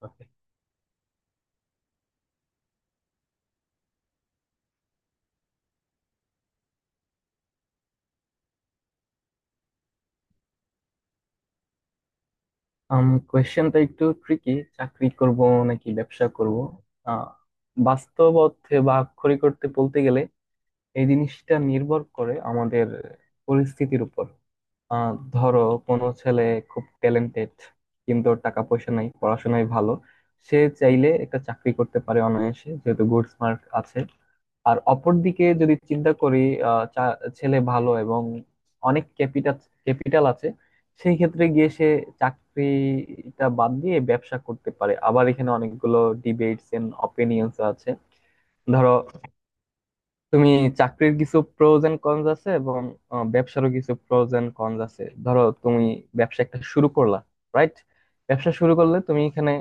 Okay. কোয়েশ্চেনটা একটু tricky, চাকরি করব নাকি ব্যবসা করব? আহ বাস্তব অর্থে বা আক্ষরিক অর্থে বলতে গেলে এই জিনিসটা নির্ভর করে আমাদের পরিস্থিতির উপর। ধরো, কোনো ছেলে খুব ট্যালেন্টেড, কিন্তু ওর টাকা পয়সা নাই, পড়াশোনায় ভালো। সে চাইলে একটা চাকরি করতে পারে অনায়াসে, যেহেতু গুড মার্ক আছে। আর অপরদিকে যদি চিন্তা করি, ছেলে ভালো এবং অনেক ক্যাপিটাল ক্যাপিটাল আছে, সেই ক্ষেত্রে গিয়ে সে চাকরিটা বাদ দিয়ে ব্যবসা করতে পারে। আবার এখানে অনেকগুলো ডিবেটস এন্ড অপিনিয়ন্স আছে। ধরো তুমি, চাকরির কিছু প্রোজ এন্ড কনস আছে এবং ব্যবসারও কিছু প্রোজ এন্ড কনস আছে। ধরো তুমি ব্যবসা একটা শুরু করলা, রাইট? ব্যবসা শুরু করলে তুমি এখানে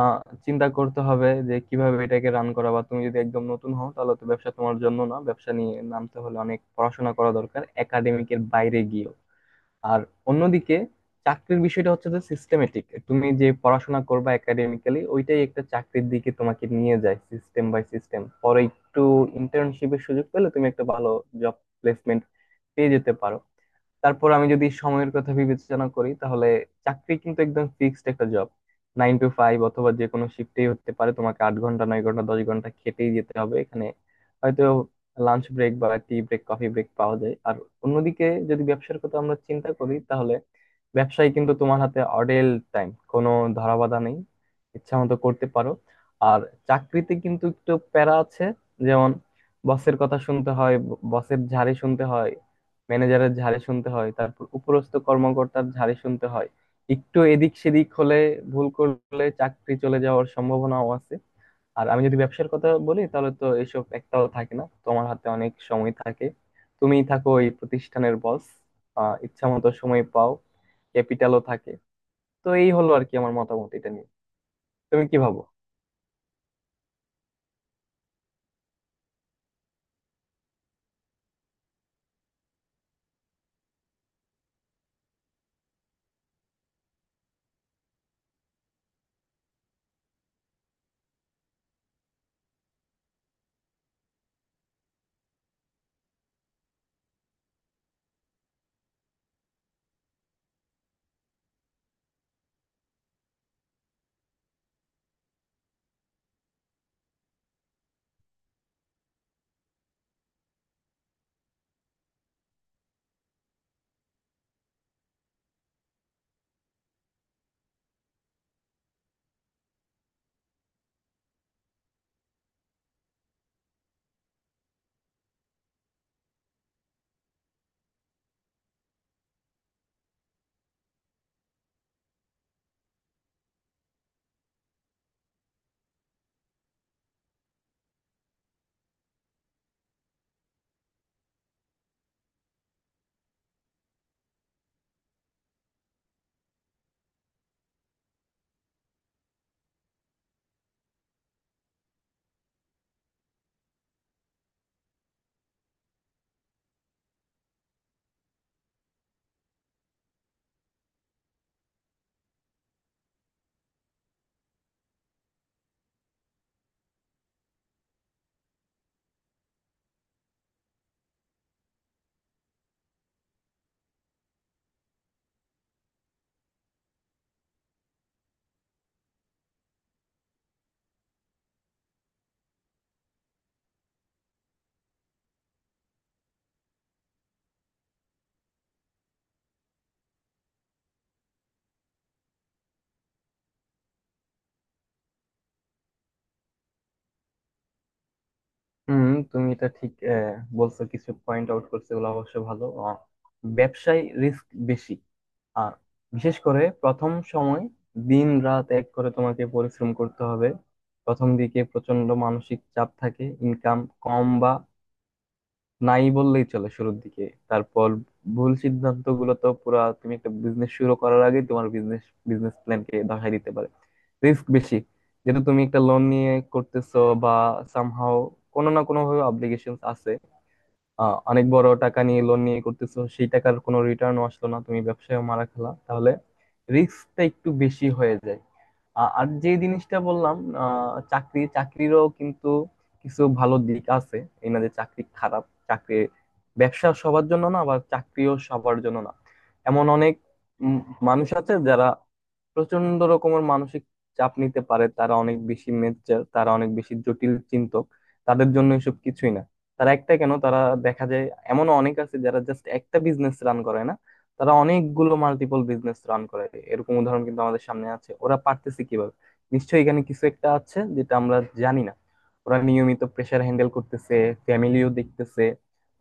আহ, চিন্তা করতে হবে যে কিভাবে এটাকে রান করা। বা তুমি যদি একদম নতুন হও, তাহলে তো ব্যবসা তোমার জন্য না। ব্যবসা নিয়ে নামতে হলে অনেক পড়াশোনা করা দরকার একাডেমিকের বাইরে গিয়ে। আর অন্যদিকে চাকরির বিষয়টা হচ্ছে যে সিস্টেমেটিক। তুমি যে পড়াশোনা করবা একাডেমিক্যালি, ওইটাই একটা চাকরির দিকে তোমাকে নিয়ে যায় সিস্টেম বাই সিস্টেম। পরে একটু ইন্টার্নশিপের সুযোগ পেলে তুমি একটা ভালো জব প্লেসমেন্ট পেয়ে যেতে পারো। তারপর আমি যদি সময়ের কথা বিবেচনা করি, তাহলে চাকরি কিন্তু একদম ফিক্সড একটা জব। 9 টু 5 অথবা যে কোনো শিফটেই হতে পারে, তোমাকে 8 ঘন্টা 9 ঘন্টা 10 ঘন্টা খেটেই যেতে হবে। এখানে হয়তো লাঞ্চ ব্রেক বা টি ব্রেক, কফি ব্রেক পাওয়া যায়। আর অন্যদিকে যদি ব্যবসার কথা আমরা চিন্তা করি, তাহলে ব্যবসায় কিন্তু তোমার হাতে অডেল টাইম, কোনো ধরা বাধা নেই, ইচ্ছা মতো করতে পারো। আর চাকরিতে কিন্তু একটু প্যারা আছে। যেমন বসের কথা শুনতে হয়, বসের ঝাড়ি শুনতে হয়, ম্যানেজারের ঝাড়ি শুনতে হয়, তারপর উপরস্থ কর্মকর্তার ঝাড়ি শুনতে হয়। একটু এদিক সেদিক হলে, ভুল করলে চাকরি চলে যাওয়ার সম্ভাবনাও আছে। আর আমি যদি ব্যবসার কথা বলি, তাহলে তো এসব একটাও থাকে না, তোমার হাতে অনেক সময় থাকে, তুমি থাকো এই প্রতিষ্ঠানের বস। ইচ্ছা মতো সময় পাও, ক্যাপিটালও থাকে। তো এই হলো আর কি আমার মতামত এটা নিয়ে। তুমি কি ভাবো? হুম, তুমি এটা ঠিক বলছো, কিছু পয়েন্ট আউট করছো, এগুলো অবশ্য ভালো। ব্যবসায় রিস্ক বেশি। আর বিশেষ করে প্রথম সময় দিন রাত এক করে তোমাকে পরিশ্রম করতে হবে। প্রথম দিকে প্রচন্ড মানসিক চাপ থাকে, ইনকাম কম বা নাই বললেই চলে শুরুর দিকে। তারপর ভুল সিদ্ধান্ত গুলো তো পুরা তুমি একটা বিজনেস শুরু করার আগে তোমার বিজনেস বিজনেস প্ল্যানকে ধসাই দিতে পারে। রিস্ক বেশি, যেহেতু তুমি একটা লোন নিয়ে করতেছো, বা সামহাও কোনো না কোনো ভাবে অব্লিগেশন আছে। আহ অনেক বড় টাকা নিয়ে, লোন নিয়ে করতেছো, সেই টাকার কোনো রিটার্নও আসলো না, তুমি ব্যবসায় মারা খেলা, তাহলে রিস্কটা একটু বেশি হয়ে যায়। আর যে জিনিসটা বললাম, আহ, চাকরি চাকরিরও কিন্তু কিছু ভালো দিক আছে। এই না যে চাকরি খারাপ। চাকরি, ব্যবসা সবার জন্য না, আবার চাকরিও সবার জন্য না। এমন অনেক উম, মানুষ আছে যারা প্রচন্ড রকমের মানসিক চাপ নিতে পারে, তারা অনেক বেশি মেচ্চার, তারা অনেক বেশি জটিল চিন্তক, তাদের জন্য এসব কিছুই না। তারা একটা, কেন তারা দেখা যায়, এমনও অনেক আছে যারা জাস্ট একটা বিজনেস রান করে না, তারা অনেকগুলো মাল্টিপল বিজনেস রান করে। এরকম উদাহরণ কিন্তু আমাদের সামনে আছে। ওরা পারতেছে কিভাবে? নিশ্চয়ই এখানে কিছু একটা আছে যেটা আমরা জানি না। ওরা নিয়মিত প্রেসার হ্যান্ডেল করতেছে, ফ্যামিলিও দেখতেছে,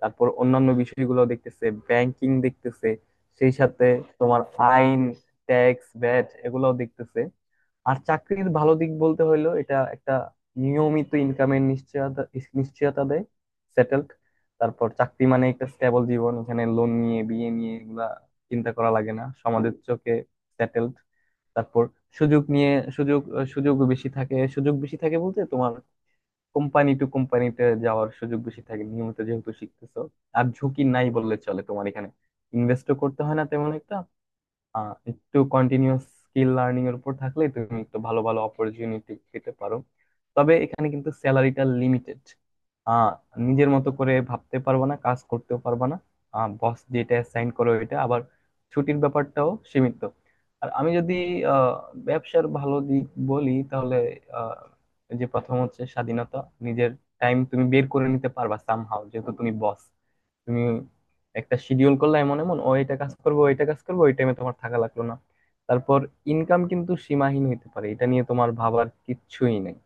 তারপর অন্যান্য বিষয়গুলো দেখতেছে, ব্যাংকিং দেখতেছে, সেই সাথে তোমার আইন, ট্যাক্স, ভ্যাট এগুলোও দেখতেছে। আর চাকরির ভালো দিক বলতে হইলো এটা একটা নিয়মিত ইনকামের নিশ্চয়তা নিশ্চয়তা দেয়, সেটেলড। তারপর চাকরি মানে একটা স্টেবল জীবন, এখানে লোন নিয়ে, বিয়ে নিয়ে এগুলা চিন্তা করা লাগে না, সমাজের চোখে সেটেলড। তারপর সুযোগ নিয়ে, সুযোগ সুযোগ বেশি থাকে বলতে তোমার কোম্পানি টু কোম্পানিতে যাওয়ার সুযোগ বেশি থাকে, নিয়মিত যেহেতু শিখতেছো। আর ঝুঁকি নাই বললে চলে, তোমার এখানে ইনভেস্টও করতে হয় না তেমন একটা। একটু কন্টিনিউয়াস স্কিল লার্নিং এর উপর থাকলে তুমি একটু ভালো ভালো অপরচুনিটি পেতে পারো। তবে এখানে কিন্তু স্যালারিটা লিমিটেড। আহ নিজের মতো করে ভাবতে পারবা না, কাজ করতেও পারবা না, বস যেটা সাইন করো এটা আবার। ছুটির ব্যাপারটাও সীমিত। আর আমি যদি আহ ব্যবসার ভালো দিক বলি, তাহলে আহ যে প্রথম হচ্ছে স্বাধীনতা। নিজের টাইম তুমি বের করে নিতে পারবা সামহাও, যেহেতু তুমি বস। তুমি একটা শিডিউল করলা, এমন এমন ও, এটা কাজ করবে ওইটা কাজ করবে, ওই টাইমে তোমার থাকা লাগলো না। তারপর ইনকাম কিন্তু সীমাহীন হতে পারে, এটা নিয়ে তোমার ভাবার কিচ্ছুই নেই।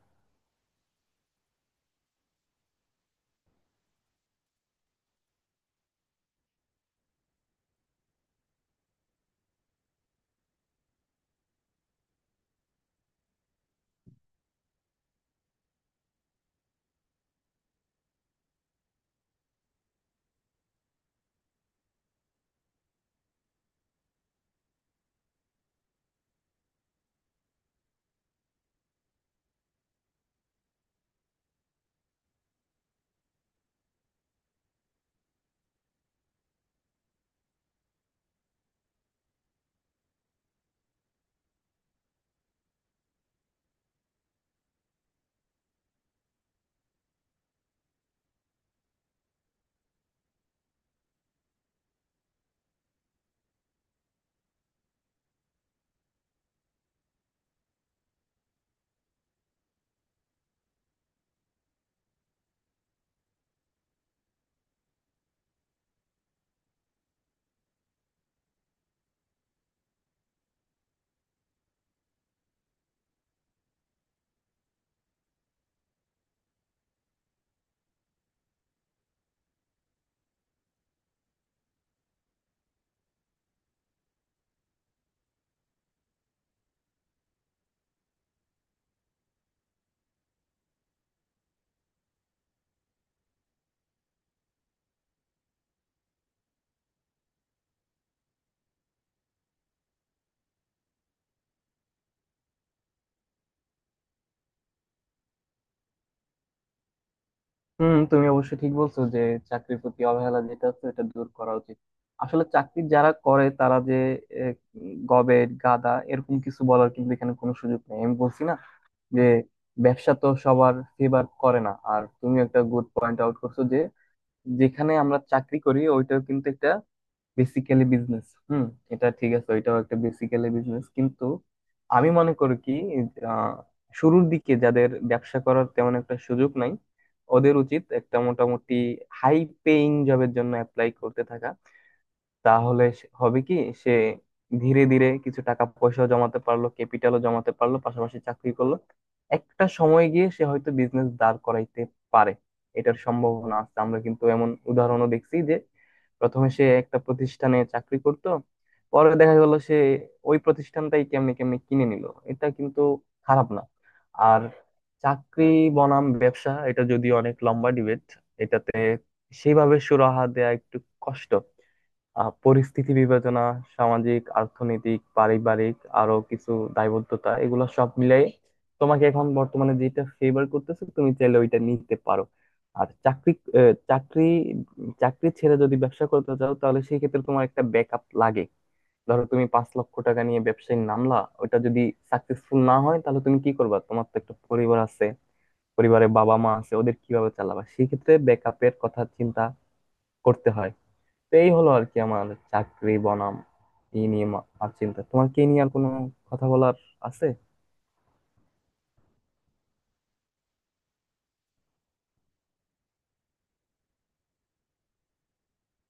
হুম, তুমি অবশ্য ঠিক বলছো যে চাকরির প্রতি অবহেলা যেটা আছে এটা দূর করা উচিত। আসলে চাকরি যারা করে তারা যে আহ, গবের গাদা, এরকম কিছু বলার কিন্তু এখানে কোনো সুযোগ নেই। আমি বলছি না যে ব্যবসা তো সবার ফেভার করে না। আর তুমি একটা গুড পয়েন্ট আউট করছো যে যেখানে আমরা চাকরি করি ওইটাও কিন্তু একটা বেসিক্যালি বিজনেস। হুম, এটা ঠিক আছে, ওইটাও একটা বেসিক্যালি বিজনেস। কিন্তু আমি মনে করি কি, আহ, শুরুর দিকে যাদের ব্যবসা করার তেমন একটা সুযোগ নাই, ওদের উচিত একটা মোটামুটি হাই পেইং জবের জন্য অ্যাপ্লাই করতে থাকা। তাহলে হবে কি, সে ধীরে ধীরে কিছু টাকা পয়সা জমাতে পারলো, ক্যাপিটালও জমাতে পারলো, পাশাপাশি চাকরি করলো। একটা সময় গিয়ে সে হয়তো বিজনেস দাঁড় করাইতে পারে। এটার সম্ভাবনা আছে, আমরা কিন্তু এমন উদাহরণও দেখছি। প্রথমে সে একটা প্রতিষ্ঠানে চাকরি করত, পরে দেখা গেল সে ওই প্রতিষ্ঠানটাই কেমনে কেমনে কিনে নিল। এটা কিন্তু খারাপ না। আর চাকরি বনাম ব্যবসা, এটা যদি অনেক লম্বা ডিবেট, এটাতে সেইভাবে সুরাহা দেয়া একটু কষ্ট। পরিস্থিতি বিবেচনা, সামাজিক, অর্থনৈতিক, পারিবারিক, আরো কিছু দায়বদ্ধতা এগুলো সব মিলাই তোমাকে এখন বর্তমানে যেটা ফেভার করতেছে, তুমি চাইলে ওইটা নিতে পারো। আর চাকরি আহ, চাকরি চাকরি ছেড়ে যদি ব্যবসা করতে চাও, তাহলে সেই ক্ষেত্রে তোমার একটা ব্যাকআপ লাগে। ধরো তুমি 5 লক্ষ টাকা নিয়ে ব্যবসায় নামলা, ওটা যদি সাকসেসফুল না হয়, তাহলে তুমি কি করবা? তোমার তো একটা পরিবার আছে, পরিবারে বাবা মা আছে, ওদের কিভাবে চালাবা? সেই ক্ষেত্রে ব্যাকআপের কথা চিন্তা করতে হয়। তো এই হলো আর কি আমার চাকরি বনাম ই নিয়ে আর চিন্তা। তোমার কি নিয়ে আর কোনো কথা বলার আছে?